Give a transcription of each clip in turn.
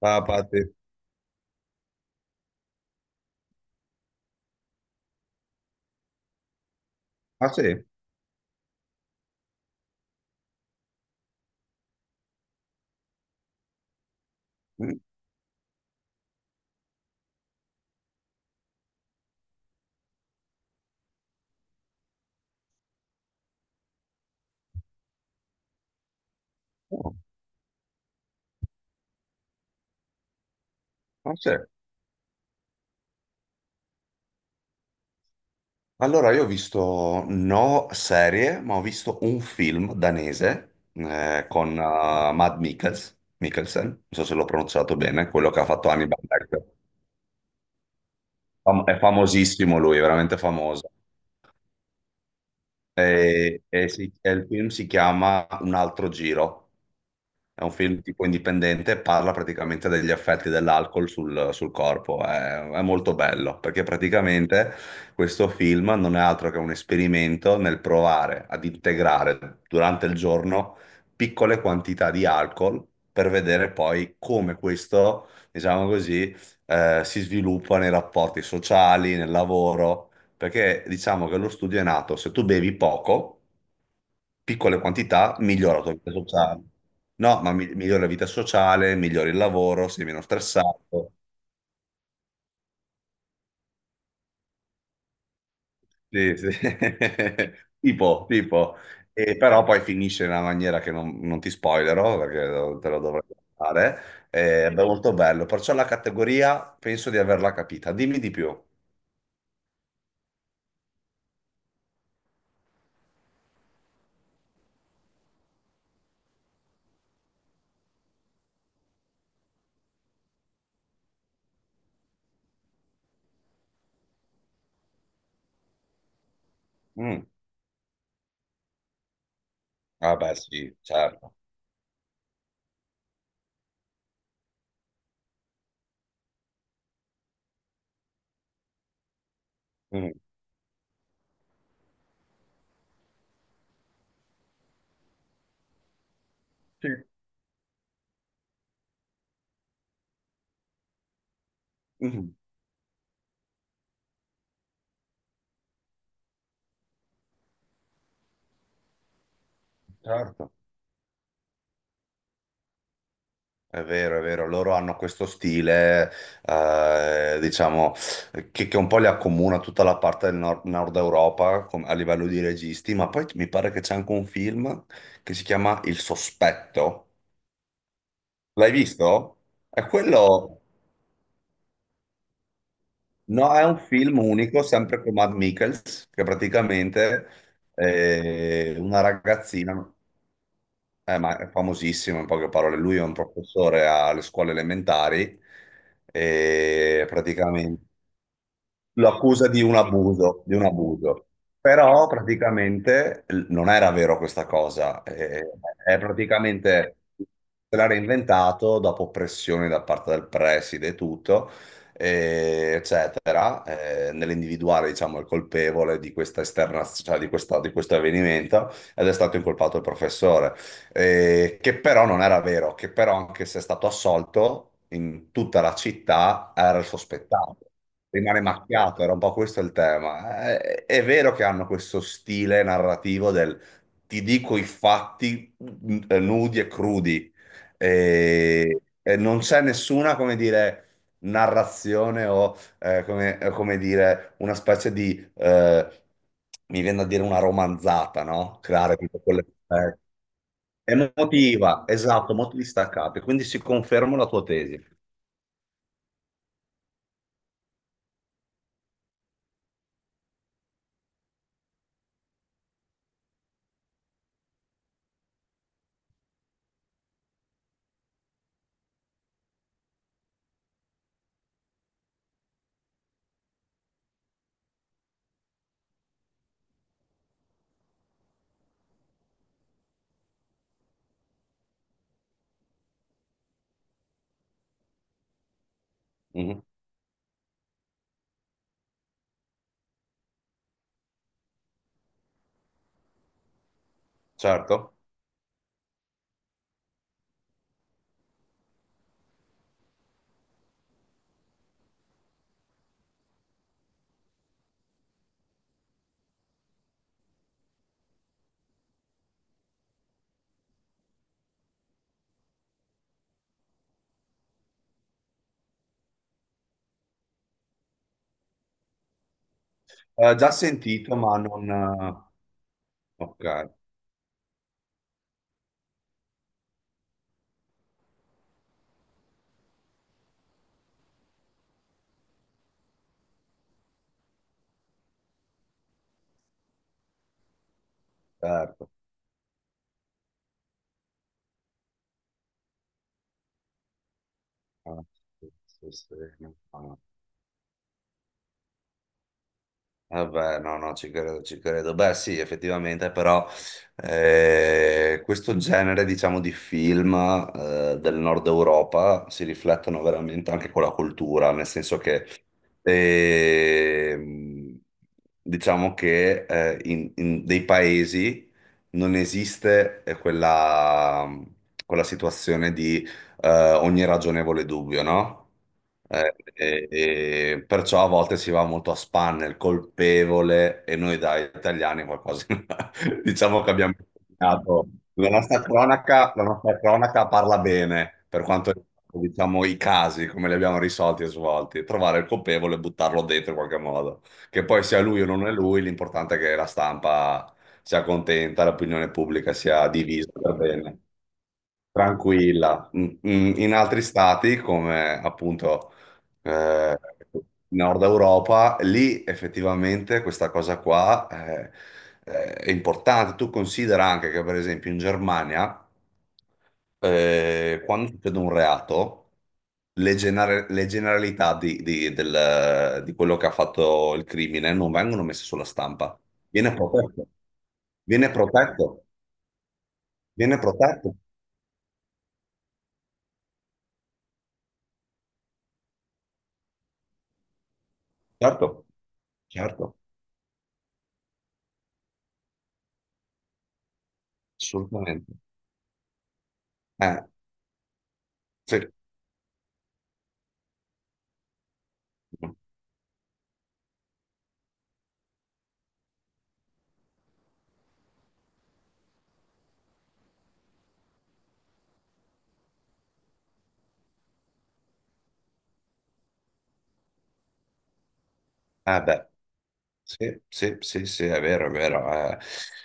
Ah, Patti. Ah, sì? Mm, oh, ah, sì. Allora, io ho visto no serie, ma ho visto un film danese con Matt Mikkels, Mikkelsen, non so se l'ho pronunciato bene, quello che ha fatto Hannibal Lecter. Fam- è famosissimo lui, è veramente famoso. E il film si chiama Un altro giro. È un film tipo indipendente e parla praticamente degli effetti dell'alcol sul corpo. È molto bello perché praticamente questo film non è altro che un esperimento nel provare ad integrare durante il giorno piccole quantità di alcol per vedere poi come questo, diciamo così, si sviluppa nei rapporti sociali, nel lavoro. Perché diciamo che lo studio è nato, se tu bevi poco piccole quantità, migliora la tua vita sociale. No, ma mi- migliora la vita sociale, migliora il lavoro, sei meno stressato. Sì, sì. Tipo, tipo. E però poi finisce in una maniera che non ti spoilerò perché lo- te lo dovrei fare. È molto bello. Perciò la categoria penso di averla capita. Dimmi di più. Mm. Ah beh, sì, certo. Mm. Sì. Mm. Certo. È vero, loro hanno questo stile, diciamo, che un po' li accomuna tutta la parte del nord, nord Europa com- a livello di registi, ma poi mi pare che c'è anche un film che si chiama Il Sospetto. L'hai visto? È quello, no, è un film unico, sempre con Matt Mikkels, che praticamente è una ragazzina, ma è famosissimo in poche parole, lui è un professore alle scuole elementari e praticamente... lo accusa di un abuso, di un abuso. Però praticamente l- non era vero questa cosa, è praticamente se l'era inventato dopo pressioni da parte del preside e tutto, eccetera, nell'individuare, diciamo, il colpevole di questa esterna, cioè di questa- di questo avvenimento, ed è stato incolpato il professore, che però non era vero, che però anche se è stato assolto, in tutta la città era il sospettato. Rimane macchiato, era un po' questo il tema. È vero che hanno questo stile narrativo del ti dico i fatti n- nudi e crudi, e non c'è nessuna, come dire, narrazione o, come dire, una specie di mi viene a dire una romanzata, no? Creare tutto quelle... emotiva, esatto, molto distaccata. Quindi si conferma la tua tesi. Mhm. Certo. Già sentito, ma non... Ok, certo. Ah, sì, sì, sì, no, no. Vabbè, no, no, ci credo, ci credo. Beh, sì, effettivamente, però questo genere, diciamo, di film del nord Europa si riflettono veramente anche con la cultura, nel senso che ehm, diciamo che in dei paesi non esiste quella, quella situazione di ogni ragionevole dubbio, no? E perciò a volte si va molto a spanne, il colpevole, e noi da italiani qualcosa diciamo che abbiamo insegnato. La nostra cronaca parla bene per quanto riguarda, diciamo, i casi, come li abbiamo risolti e svolti, trovare il colpevole e buttarlo dentro in qualche modo. Che poi sia lui o non è lui, l'importante è che la stampa sia contenta, l'opinione pubblica sia divisa per bene. Tranquilla. Mm, mm, in altri stati, come appunto eh, Nord Europa, lì effettivamente questa cosa qua è importante. Tu considera anche che, per esempio, in Germania, quando succede un reato, le generalità di quello che ha fatto il crimine non vengono messe sulla stampa. Viene protetto. Viene protetto. Viene protetto. Certo, certo. Assolutamente. Eh, sì. Beh. Sì, sì, sì, sì, è vero, è vero. Eh,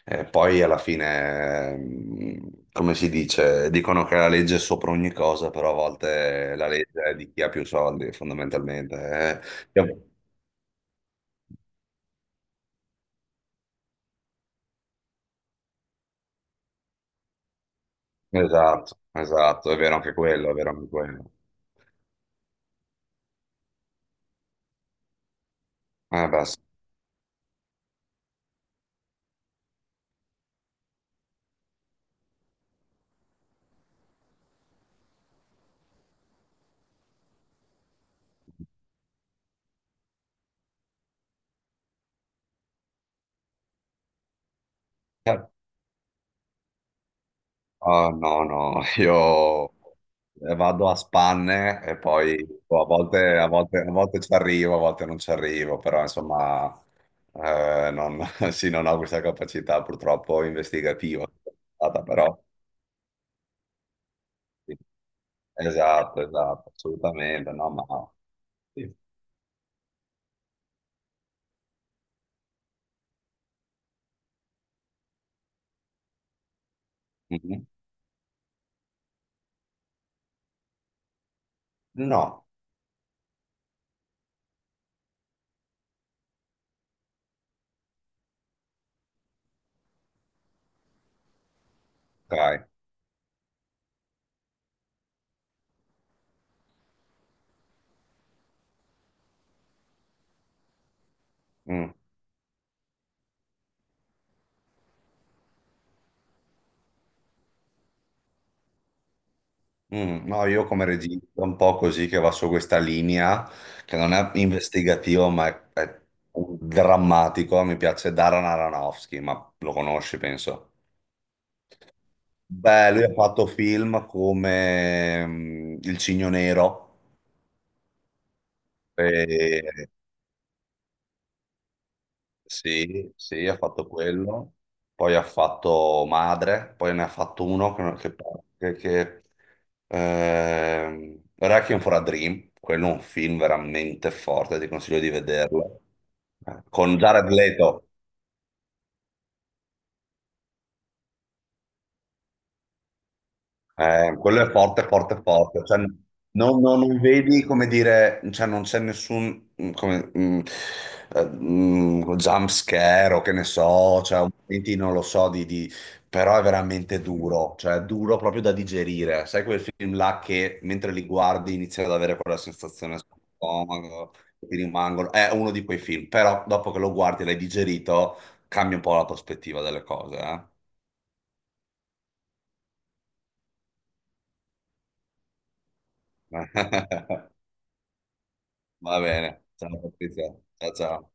Poi alla fine, come si dice, dicono che la legge è sopra ogni cosa, però a volte la legge è di chi ha più soldi, fondamentalmente. Io- Esatto, esatto, è vero anche quello, è vero anche quello. Beh, sì. Ah, no, no, io vado a spanne e poi boh, a volte ci arrivo, a volte non ci arrivo, però insomma non, sì, non ho questa capacità purtroppo investigativa. Stata, però, sì. Esatto, esatto, assolutamente, no, ma... sì. Mhm. No, ok. Mm. Mm, no, io come regista un po' così che va su questa linea, che non è investigativo, ma è un drammatico. Mi piace Darren Aronofsky, ma lo conosci, penso. Beh, lui ha fatto film come mm, Il Cigno Nero. E sì, sì, ha fatto quello, poi ha fatto Madre, poi ne ha fatto uno che Requiem for a Dream, quello è un film veramente forte, ti consiglio di vederlo. Con Jared Leto. Quello è forte, forte, forte. Cioè, non vedi come dire, cioè, non c'è nessun jump scare o che ne so, cioè, un momenti, non lo so, però è veramente duro, cioè è duro proprio da digerire. Sai quel film là che mentre li guardi inizi ad avere quella sensazione sullo stomaco, che ti rimangono. È uno di quei film, però dopo che lo guardi e l'hai digerito, cambia un po' la prospettiva delle cose, eh? Va bene, ciao Patrizia, ciao ciao.